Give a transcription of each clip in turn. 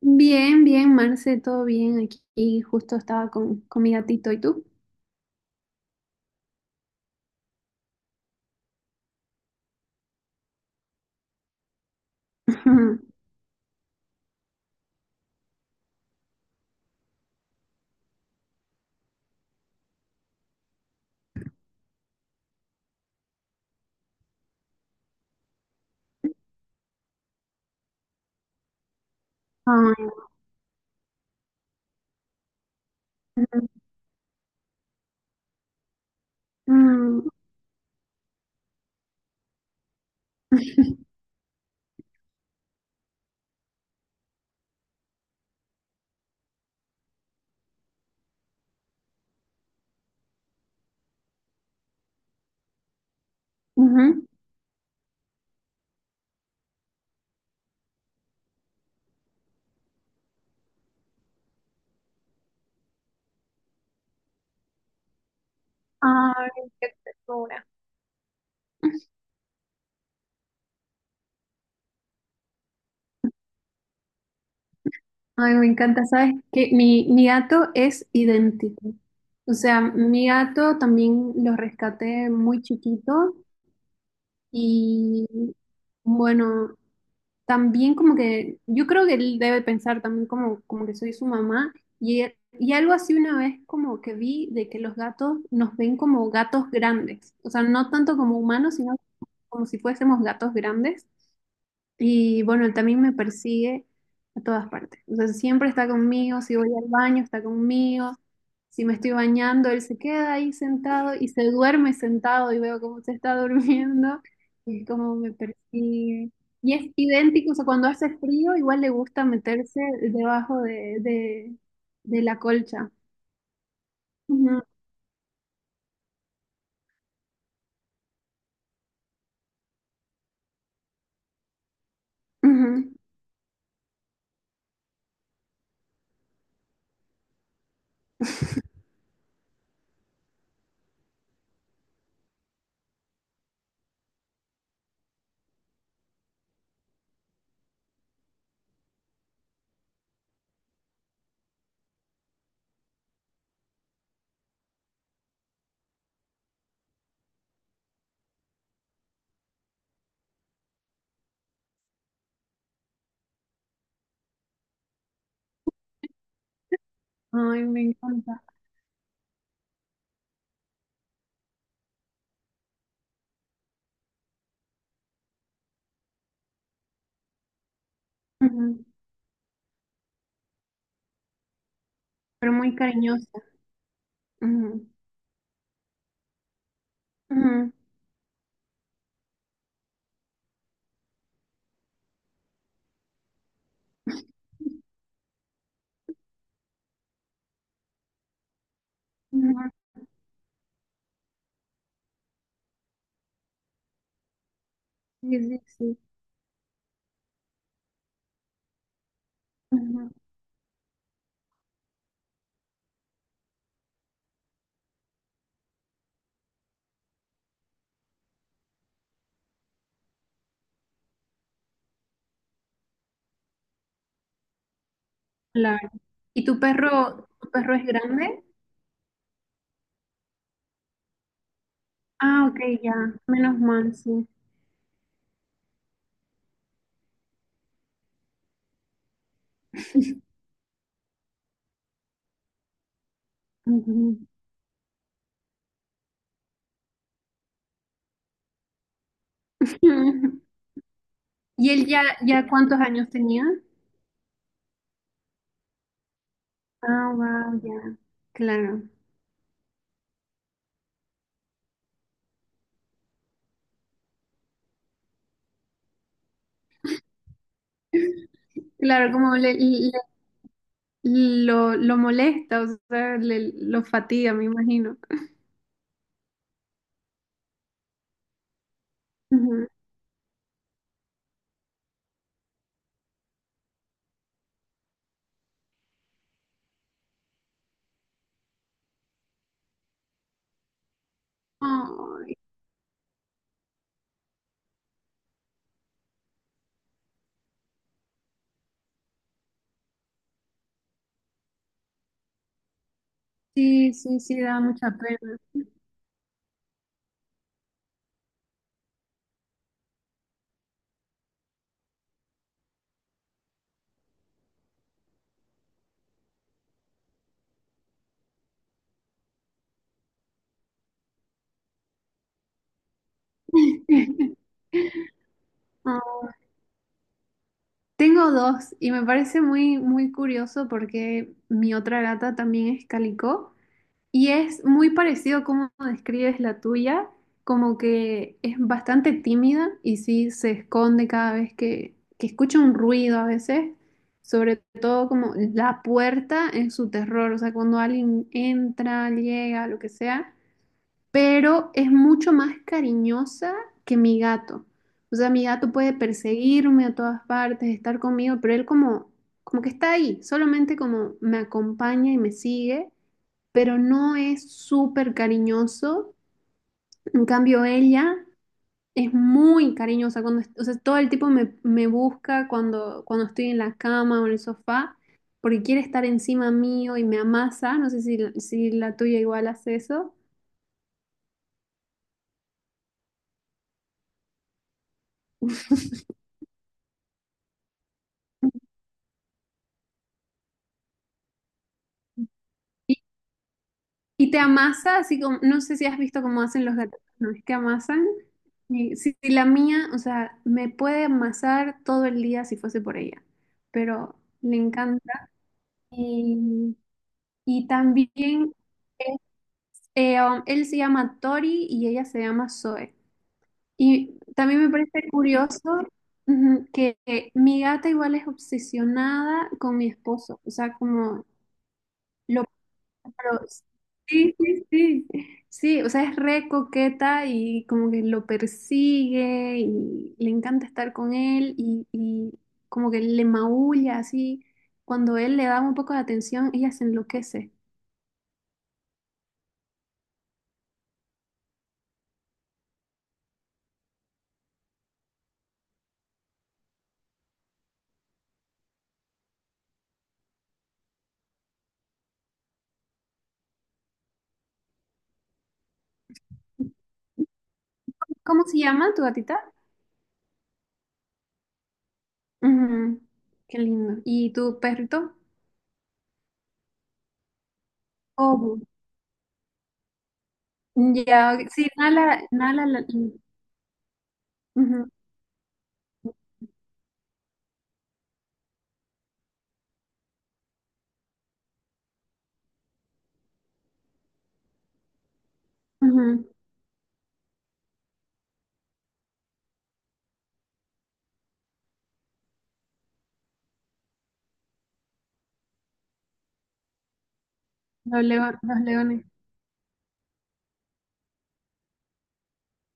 Bien, bien, Marce, todo bien aquí. Y Justo estaba con mi gatito, ¿y tú? Ay, ujú, ujú. Ay, qué ternura. Ay, me encanta, ¿sabes? Que mi gato es idéntico. O sea, mi gato también lo rescaté muy chiquito y bueno, también como que, yo creo que él debe pensar también como, como que soy su mamá y, y algo así una vez como que vi de que los gatos nos ven como gatos grandes, o sea, no tanto como humanos, sino como si fuésemos gatos grandes y bueno, él también me persigue a todas partes. O sea, siempre está conmigo, si voy al baño, está conmigo, si me estoy bañando, él se queda ahí sentado y se duerme sentado y veo cómo se está durmiendo y cómo me persigue. Y es idéntico, o sea, cuando hace frío, igual le gusta meterse debajo de la colcha. Ujú, ujú. Ay, me encanta. Ujú. Pero muy cariñosa. Ujú, ujú, ujú. Sí, sí, sí. Ujú. Claro. ¿Y tu perro es grande? Ah, ok, ya. Menos mal, sí. Ujú. ¿Y él ya, ya cuántos años tenía? Ah, wow, ya. Claro. Claro, como le- lo molesta, o sea, le- lo fatiga, me imagino. Ujú. Ay, sí, sí, sí, da mucha pena. Ah, tengo dos y me parece muy, muy curioso porque mi otra gata también es calico. Y es muy parecido como describes la tuya, como que es bastante tímida y sí se esconde cada vez que escucha un ruido a veces, sobre todo como la puerta es su terror, o sea, cuando alguien entra, llega, lo que sea, pero es mucho más cariñosa que mi gato. O sea, mi gato puede perseguirme a todas partes, estar conmigo, pero él como, como que está ahí, solamente como me acompaña y me sigue pero no es súper cariñoso. En cambio, ella es muy cariñosa. Cuando, est- o sea, todo el tipo me, me busca cuando, cuando estoy en la cama o en el sofá, porque quiere estar encima mío y me amasa. No sé si, la- si la tuya igual hace eso. Y, y te amasa, así como, no sé si has visto cómo hacen los gatos, ¿no? Es que amasan. Y si la mía, o sea, me puede amasar todo el día si fuese por ella, pero le encanta. Y y también este, él se llama Tori y ella se llama Zoe. Y también me parece curioso ujú, que mi gata igual es obsesionada con mi esposo. O sea, como lo... pero- sí, sí, sí. Sí, o sea, es re coqueta y como que lo persigue y le encanta estar con él y como que le maulla así. Cuando él le da un poco de atención, ella se enloquece. ¿Cómo se llama tu gatita? Ujú, qué lindo. ¿Y tu perrito? Oh, ya, ok. Sí, Nala, Nala, la- ujú, ujú, los leo- los leones.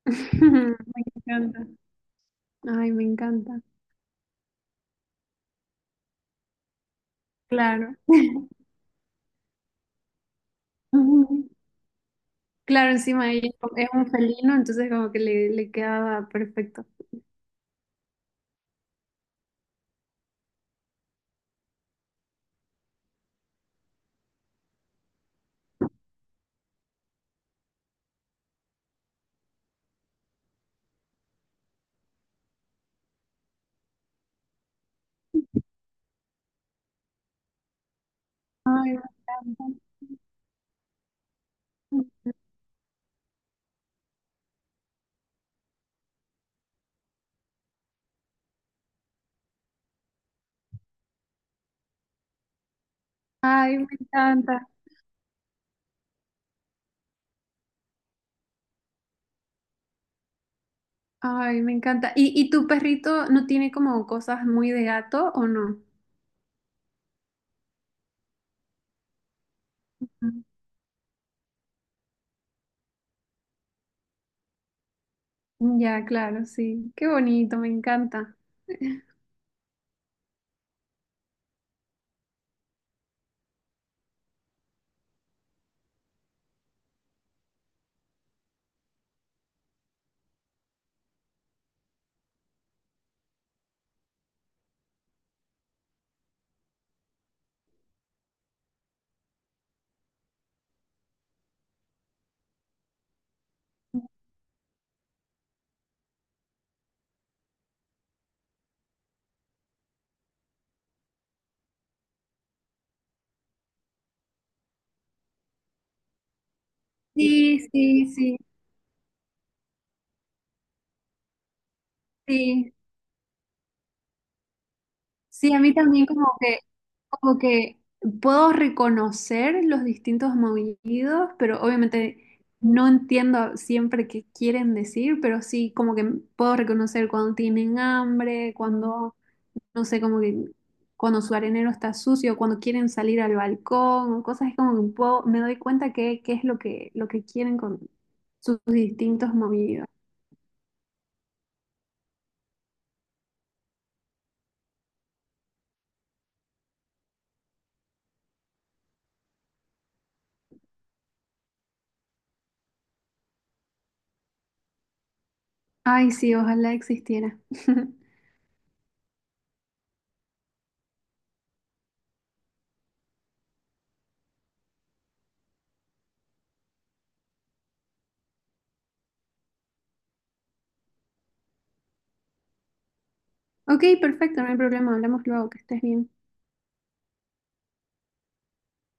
Me encanta. Ay, me encanta. Claro. Ujú. Claro, encima ella es un felino, entonces como que le quedaba perfecto. Ay, me encanta. Ay, me encanta. Ay, me encanta. Y tu perrito no tiene como cosas muy de gato o no? Ya, claro, sí. Qué bonito, me encanta. Sí, sí, sí, sí. Sí, a mí también como que puedo reconocer los distintos maullidos, pero obviamente no entiendo siempre qué quieren decir, pero sí como que puedo reconocer cuando tienen hambre, cuando no sé, como que cuando su arenero está sucio, cuando quieren salir al balcón, o cosas como que un poco me doy cuenta que, qué es lo que quieren con sus distintos movidos. Ay, sí, ojalá existiera. Ok, perfecto, no hay problema, hablamos luego, que estés bien.